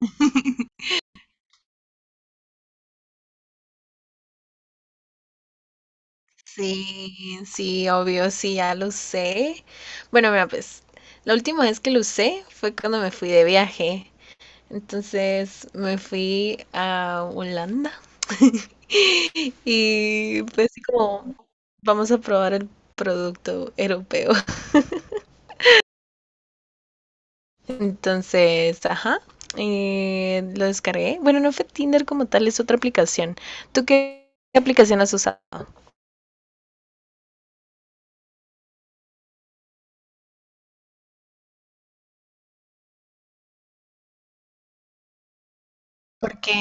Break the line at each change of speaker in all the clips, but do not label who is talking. Sí, sí, obvio, sí, ya lo usé. Bueno, mira, pues la última vez que lo usé fue cuando me fui de viaje. Entonces me fui a Holanda y fue así como, vamos a probar el producto europeo. Entonces, ajá, lo descargué. Bueno, no fue Tinder como tal, es otra aplicación. ¿Tú qué aplicación has usado? ¿Por qué?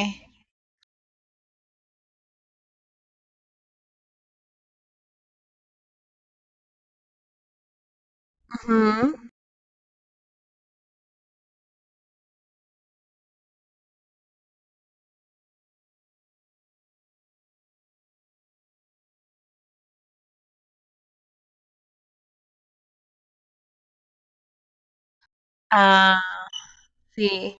Ujú. Ah, sí.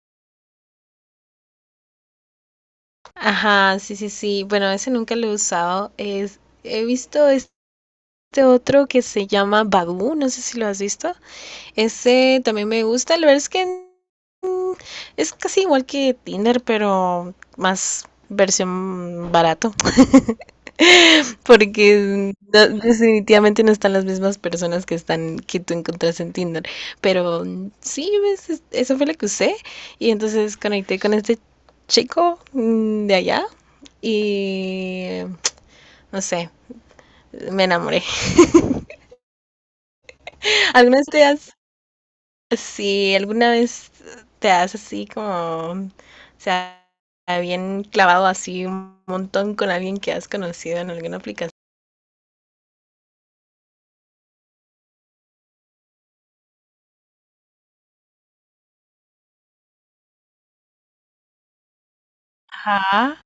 Ajá, sí, sí, sí. Bueno, ese nunca lo he usado. He visto este otro que se llama Badoo, no sé si lo has visto. Ese también me gusta. La verdad es que mm, es casi igual que Tinder, pero más versión barato. Porque definitivamente no están las mismas personas que están que tú encontraste en Tinder. Pero sí, ves, eso fue lo que usé. Y entonces conecté con este chico de allá y no sé, me enamoré. ¿Alguna vez te has, sí, alguna vez te has así como, o sea, bien clavado así un montón con alguien que has conocido en alguna aplicación? Ajá.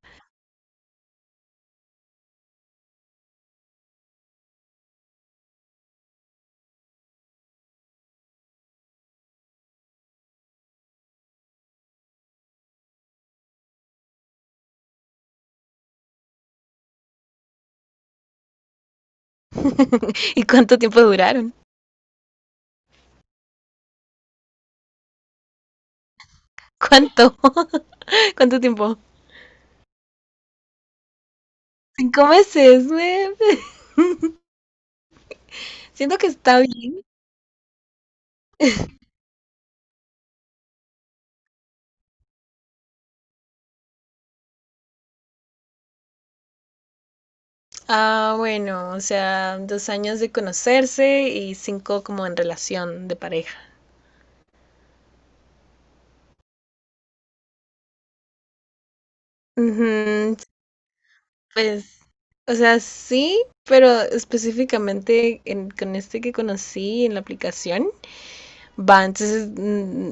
¿Y cuánto tiempo duraron? ¿Cuánto? ¿Cuánto tiempo? 5 meses. Siento que está bien. Ah, bueno, o sea, 2 años de conocerse y cinco como en relación de pareja. Ujú, pues, o sea, sí, pero específicamente con este que conocí en la aplicación, va, entonces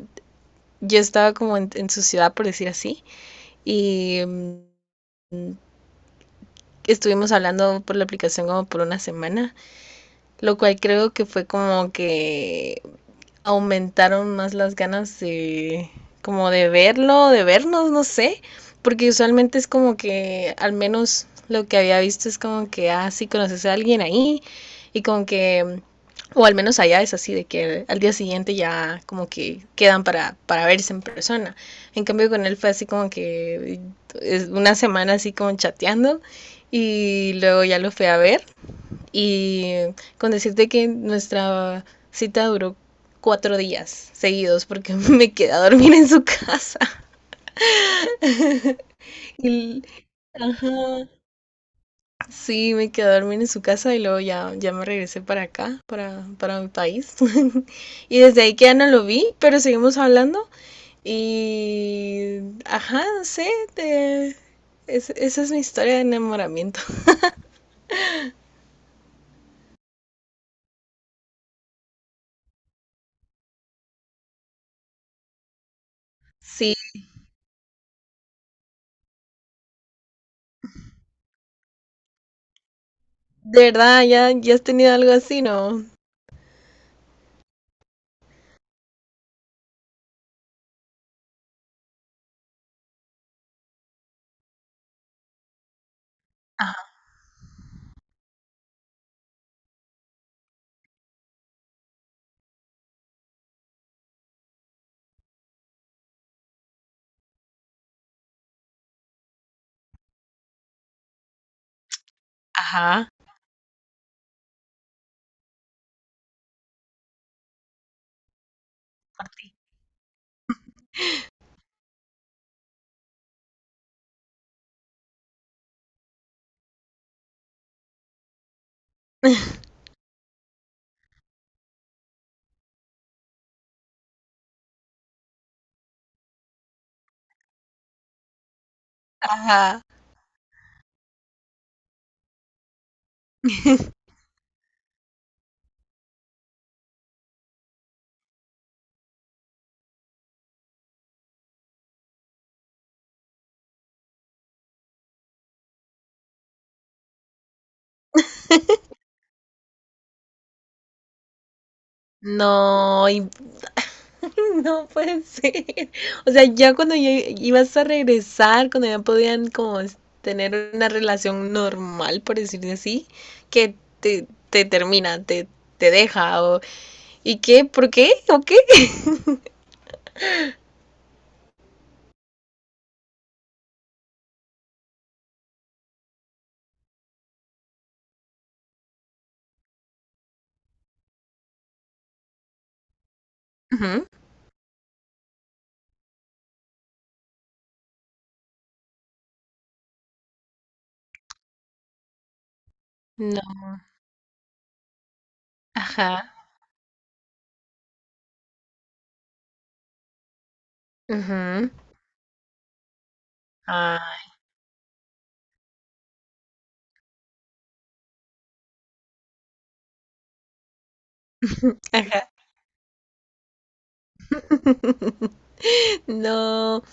yo estaba como en, su ciudad, por decir así, y estuvimos hablando por la aplicación como por una semana. Lo cual creo que fue como que aumentaron más las ganas de como de verlo, de vernos, no sé, porque usualmente es como que al menos lo que había visto es como que, ah, sí, conoces a alguien ahí y como que, o al menos allá es así, de que al día siguiente ya como que quedan para, verse en persona. En cambio con él fue así como que es una semana así como chateando y luego ya lo fui a ver y con decirte que nuestra cita duró 4 días seguidos porque me quedé a dormir en su casa. Y- ajá, sí, me quedé a dormir en su casa y luego ya, ya me regresé para acá, para mi país. Y desde ahí que ya no lo vi, pero seguimos hablando. Y, ajá, no sé, esa es mi historia de enamoramiento. Sí, de verdad, ya, ya has tenido algo así, ¿no? Ajá, ajá, por ti. Ajá. No, no puede ser. O sea, ya cuando ya ibas a regresar, cuando ya podían como tener una relación normal, por decirlo así, que te termina, te deja, o ¿y qué? ¿Por qué? ¿O qué? Ujú. No. Ajá. Ujú. Ah, ajá. No,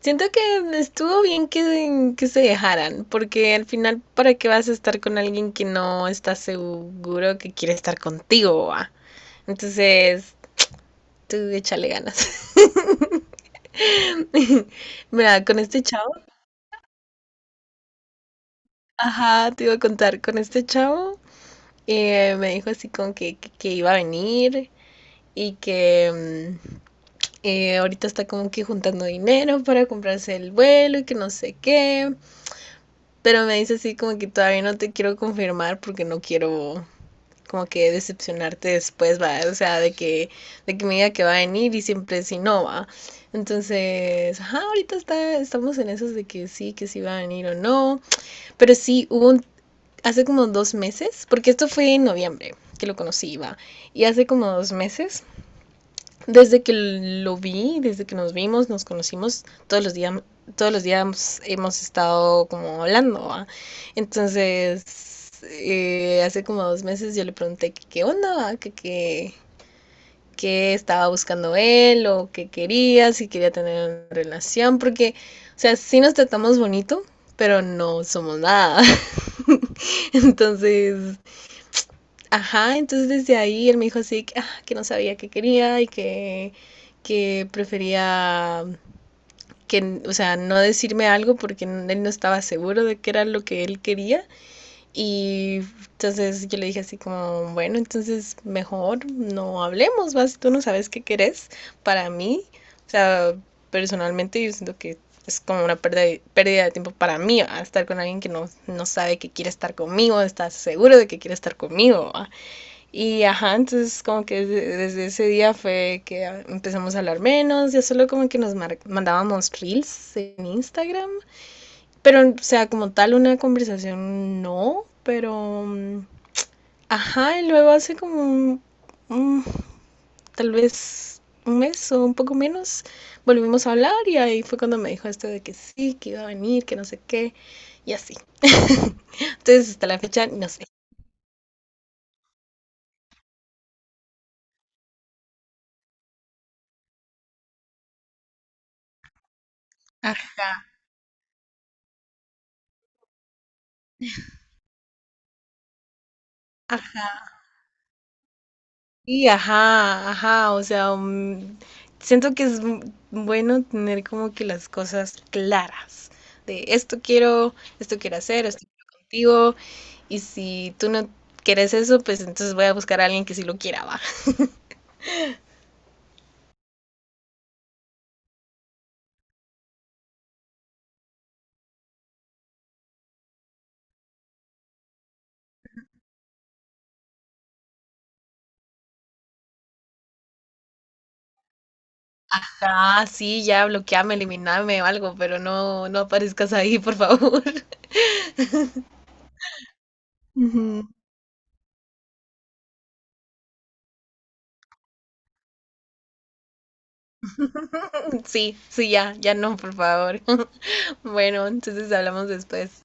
siento que estuvo bien que se dejaran, porque al final, ¿para qué vas a estar con alguien que no está seguro que quiere estar contigo? ¿Va? Entonces, tú échale ganas. Mira, con este chavo, ajá, te iba a contar, con este chavo me dijo así como que iba a venir y que ahorita está como que juntando dinero para comprarse el vuelo y que no sé qué. Pero me dice así como que todavía no te quiero confirmar porque no quiero como que decepcionarte después, va, o sea, de que, me diga que va a venir y siempre si no va. Entonces, ajá, ahorita estamos en esos de que sí va a venir o no. Pero sí, hace como 2 meses, porque esto fue en noviembre que lo conocí, va. Y hace como 2 meses desde que lo vi, desde que nos vimos, nos conocimos, todos los días hemos estado como hablando, ¿va? Entonces, hace como 2 meses yo le pregunté que qué onda, ¿va? Que qué estaba buscando él o qué quería, si quería tener una relación, porque, o sea, sí nos tratamos bonito, pero no somos nada. Entonces, ajá, entonces desde ahí él me dijo así que, ah, que no sabía qué quería y que prefería que, o sea, no decirme algo porque él no estaba seguro de qué era lo que él quería. Y entonces yo le dije así como, bueno, entonces mejor no hablemos, vas, tú no sabes qué querés para mí. O sea, personalmente yo siento que es como una pérdida de tiempo para mí, ¿va? Estar con alguien que no, no sabe que quiere estar conmigo, está seguro de que quiere estar conmigo. ¿Va? Y ajá, entonces como que desde ese día fue que ah, empezamos a hablar menos, ya solo como que nos mandábamos reels en Instagram, pero o sea, como tal una conversación no, pero ajá, y luego hace como un- tal vez un mes o un poco menos volvimos a hablar y ahí fue cuando me dijo esto de que sí, que iba a venir, que no sé qué, y así. Entonces hasta la fecha no sé. Ajá, ajá. Sí, ajá, ajá, o sea, siento que es bueno tener como que las cosas claras de esto quiero hacer, esto quiero contigo, y si tú no quieres eso, pues entonces voy a buscar a alguien que sí lo quiera, va. Ah, sí, ya bloqueame, eliminame o algo, pero no, no aparezcas ahí, por favor. Ujú. Sí, sí, ya, ya no, por favor. Bueno, entonces hablamos después.